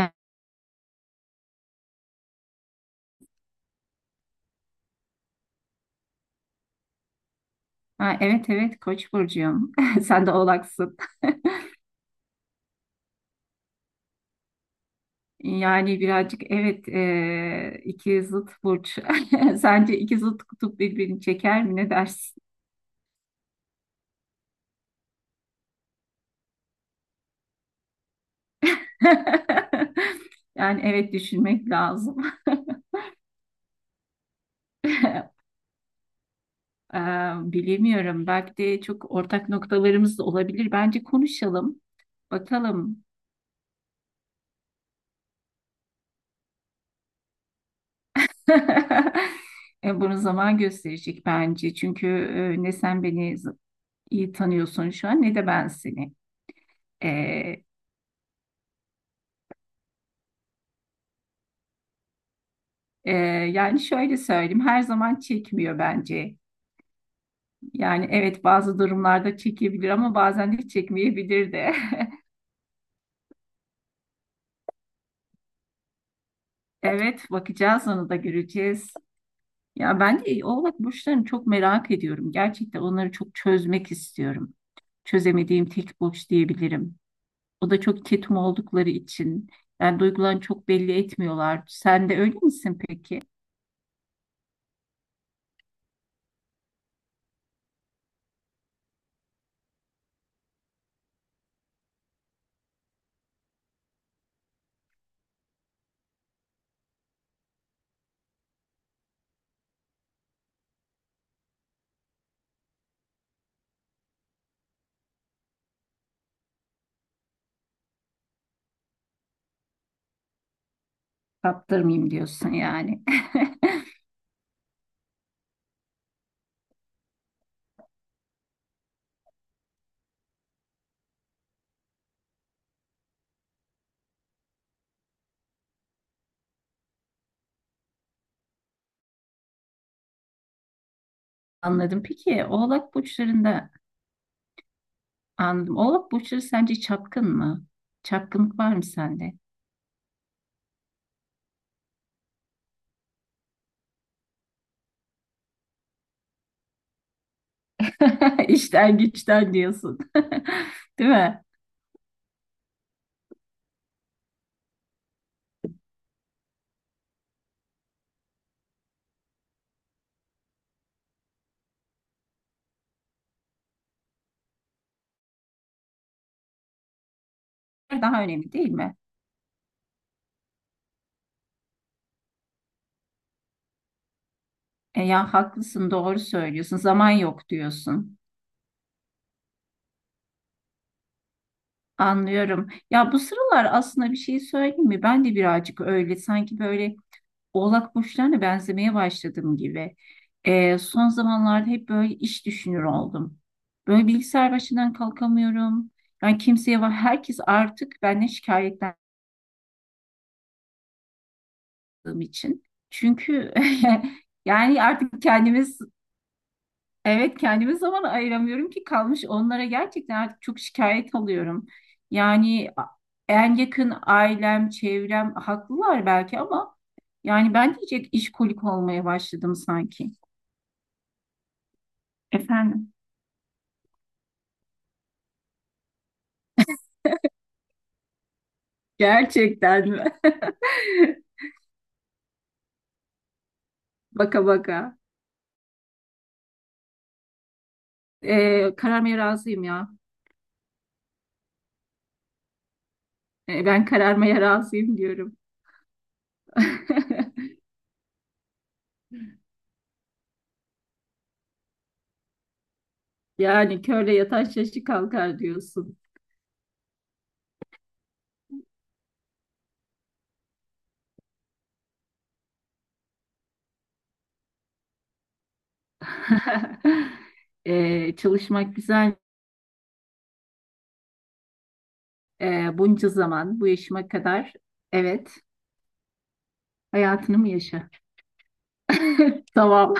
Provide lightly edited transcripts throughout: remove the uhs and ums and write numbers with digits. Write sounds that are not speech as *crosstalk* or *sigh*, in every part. E- Ha, evet evet, Koç burcuyum. *laughs* Sen de Oğlaksın. *laughs* Yani birazcık evet iki zıt burç. *laughs* Sence iki zıt kutup birbirini çeker mi? Ne dersin? *laughs* Yani evet, düşünmek lazım. *laughs* Ee, bilemiyorum. Belki de çok ortak noktalarımız da olabilir. Bence konuşalım. Bakalım. *laughs* Bunu zaman gösterecek bence. Çünkü ne sen beni iyi tanıyorsun şu an, ne de ben seni. Ee, yani şöyle söyleyeyim, her zaman çekmiyor bence. Yani evet, bazı durumlarda çekebilir ama bazen de çekmeyebilir de. *laughs* Evet, bakacağız, onu da göreceğiz. Ya ben de Oğlak burçlarını çok merak ediyorum. Gerçekten onları çok çözmek istiyorum. Çözemediğim tek burç diyebilirim. O da çok ketum oldukları için. Yani duygularını çok belli etmiyorlar. Sen de öyle misin peki? Kaptırmayayım diyorsun yani. *laughs* Anladım. Peki Oğlak burçlarında anladım. Oğlak burçları sence çapkın mı? Çapkınlık var mı sende? *laughs* İşten güçten diyorsun. *laughs* Değil mi? Daha önemli değil mi? E, ya haklısın, doğru söylüyorsun. Zaman yok diyorsun. Anlıyorum. Ya bu sıralar aslında bir şey söyleyeyim mi? Ben de birazcık öyle sanki böyle Oğlak burçlarına benzemeye başladığım gibi son zamanlarda hep böyle iş düşünür oldum. Böyle bilgisayar başından kalkamıyorum. Yani kimseye var. Herkes artık benden şikayetlendiğim için. Çünkü *laughs* yani artık kendimiz, evet, kendime zaman ayıramıyorum, ki kalmış onlara, gerçekten artık çok şikayet alıyorum. Yani en yakın ailem, çevrem haklılar belki, ama yani ben diyecek işkolik olmaya başladım sanki. Efendim. Gerçekten mi? *laughs* Baka baka. Kararmaya razıyım ya. Ben kararmaya razıyım diyorum. *laughs* Yani körle yatan şaşı kalkar diyorsun. *laughs* Çalışmak güzel. Bunca zaman, bu yaşıma kadar. Evet, hayatını mı yaşa? *laughs* Tamam.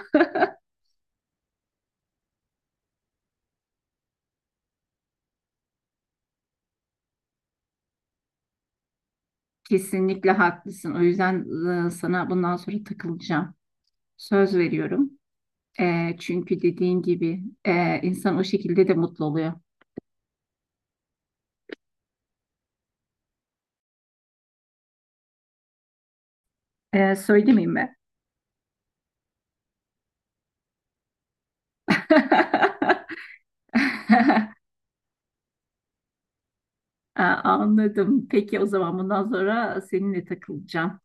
Kesinlikle haklısın. O yüzden sana bundan sonra takılacağım. Söz veriyorum. E, çünkü dediğin gibi insan o şekilde de mutlu oluyor. Söylemeyeyim mi? *laughs* Aa, anladım. Peki o zaman bundan sonra seninle takılacağım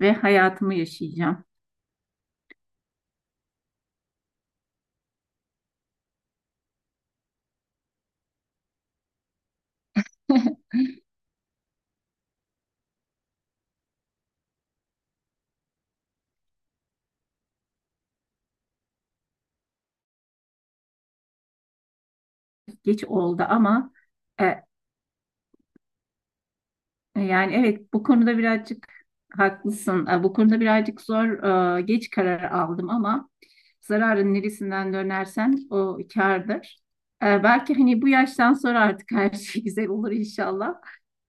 ve hayatımı yaşayacağım. Geç oldu ama e, yani evet, bu konuda birazcık haklısın. E, bu konuda birazcık zor, geç karar aldım ama zararın neresinden dönersen o kârdır. E, belki hani bu yaştan sonra artık her şey *laughs* güzel olur inşallah.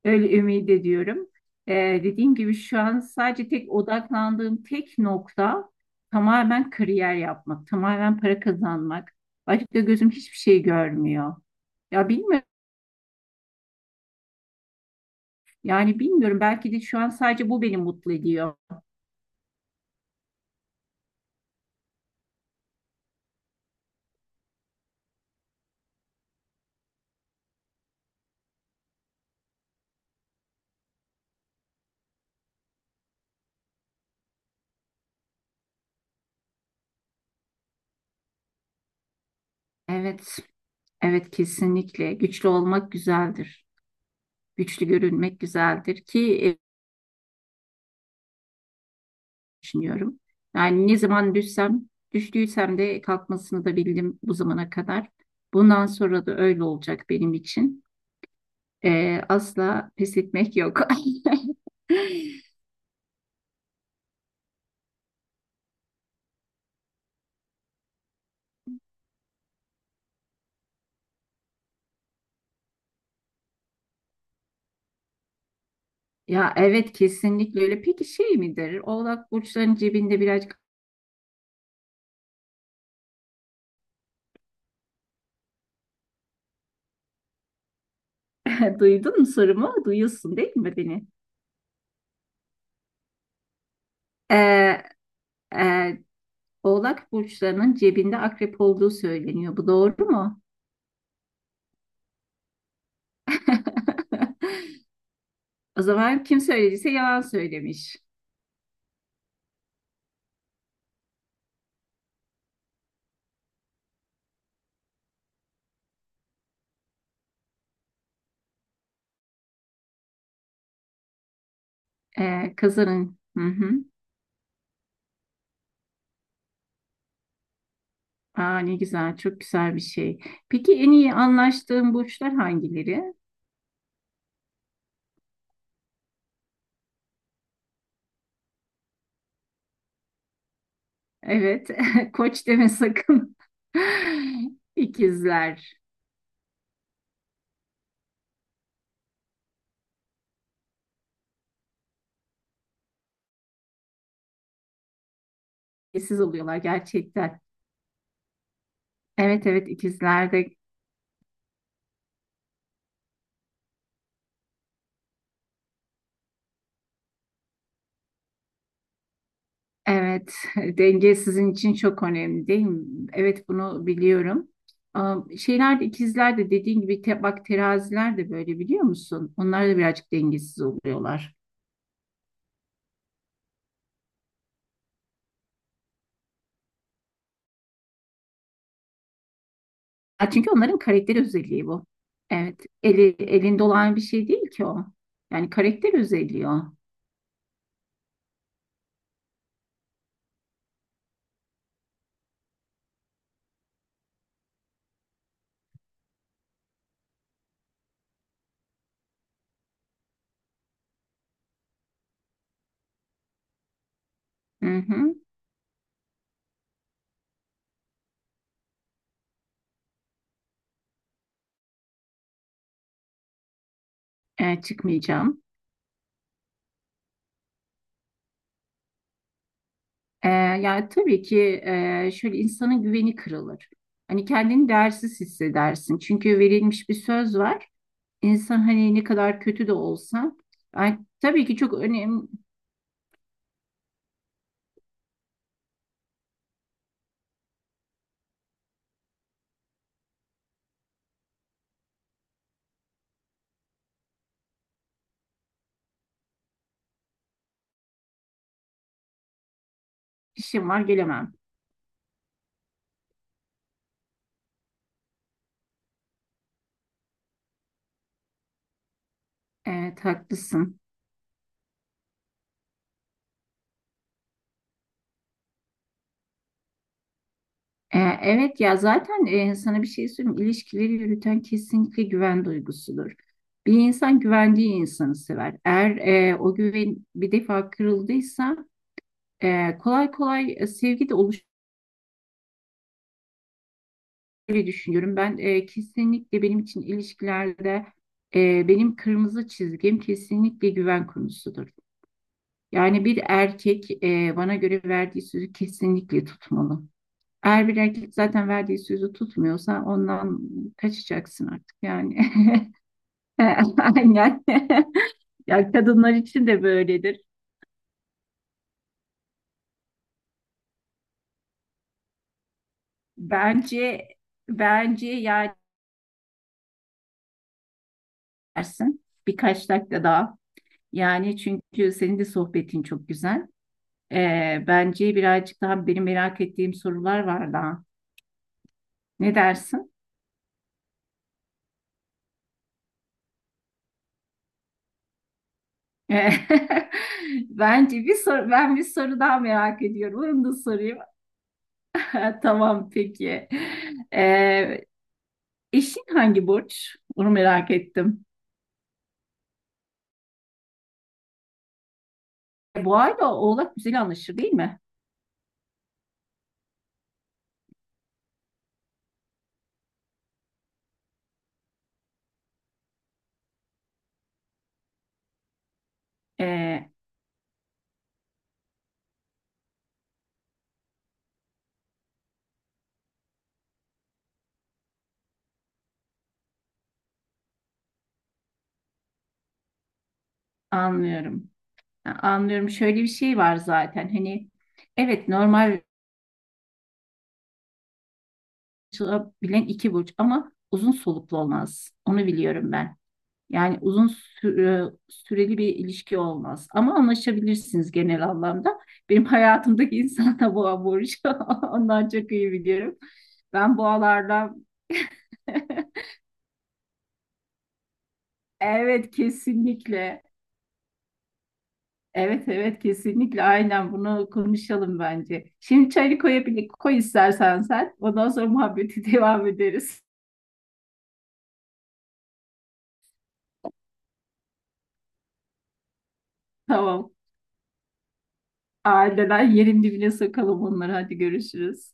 Öyle ümit ediyorum. E, dediğim gibi şu an sadece tek odaklandığım tek nokta tamamen kariyer yapmak, tamamen para kazanmak. Başka gözüm hiçbir şey görmüyor. Ya bilmiyorum. Yani bilmiyorum, belki de şu an sadece bu beni mutlu ediyor. Evet, evet kesinlikle. Güçlü olmak güzeldir. Güçlü görünmek güzeldir ki, düşünüyorum. Yani ne zaman düştüysem de kalkmasını da bildim bu zamana kadar. Bundan sonra da öyle olacak benim için. Asla pes etmek yok. *laughs* Ya evet kesinlikle öyle. Peki şey midir? Oğlak burçların cebinde birazcık *laughs* duydun mu sorumu? Duyuyorsun değil mi beni? Ee, e, Oğlak burçlarının cebinde akrep olduğu söyleniyor. Bu doğru mu? *laughs* O zaman kim söylediyse yalan söylemiş. Kazanın. Hı hı. Aa, ne güzel, çok güzel bir şey. Peki en iyi anlaştığın burçlar hangileri? Evet, *laughs* koç deme sakın. *laughs* İkizler. İkiz oluyorlar gerçekten. Evet evet, ikizlerde. Evet, *laughs* denge sizin için çok önemli değil mi? Evet, bunu biliyorum. Am, şeyler de ikizler de dediğin gibi bak teraziler de böyle, biliyor musun? Onlar da birazcık dengesiz oluyorlar. Ha, çünkü onların karakter özelliği bu. Evet, elinde olan bir şey değil ki o. Yani karakter özelliği o. Hı hı. E, çıkmayacağım. Yani tabii ki, şöyle insanın güveni kırılır. Hani kendini değersiz hissedersin. Çünkü verilmiş bir söz var. İnsan hani ne kadar kötü de olsa, ay, tabii ki çok önemli işim var, gelemem. Evet haklısın. Evet ya zaten, sana bir şey söyleyeyim. İlişkileri yürüten kesinlikle güven duygusudur. Bir insan güvendiği insanı sever. Eğer o güven bir defa kırıldıysa, kolay kolay sevgi de oluşur diye düşünüyorum. Ben, kesinlikle benim için ilişkilerde benim kırmızı çizgim kesinlikle güven konusudur. Yani bir erkek, bana göre verdiği sözü kesinlikle tutmalı. Eğer bir erkek zaten verdiği sözü tutmuyorsa ondan kaçacaksın artık yani. *laughs* Aynen. *laughs* Ya kadınlar için de böyledir. Bence bence yani dersin birkaç dakika daha. Yani çünkü senin de sohbetin çok güzel. E, bence birazcık daha benim merak ettiğim sorular var daha. Ne dersin? E, *laughs* Bence bir ben bir soru daha merak ediyorum. Onu da sorayım. *laughs* Tamam peki. Ee, eşin hangi burç? Onu merak ettim. Boğa ile Oğlak güzel anlaşır değil mi? Ee, anlıyorum. Anlıyorum. Şöyle bir şey var zaten. Hani evet, normal bilen iki burç ama uzun soluklu olmaz. Onu biliyorum ben. Yani uzun süreli bir ilişki olmaz. Ama anlaşabilirsiniz genel anlamda. Benim *laughs* hayatımdaki insan da boğa burcu. *laughs* Ondan çok iyi biliyorum. Ben boğalardan *laughs* evet kesinlikle. Evet evet kesinlikle, aynen bunu konuşalım bence. Şimdi çayı koy istersen sen. Ondan sonra muhabbeti *laughs* devam ederiz. Tamam. Aileler yerin dibine sokalım onları. Hadi görüşürüz.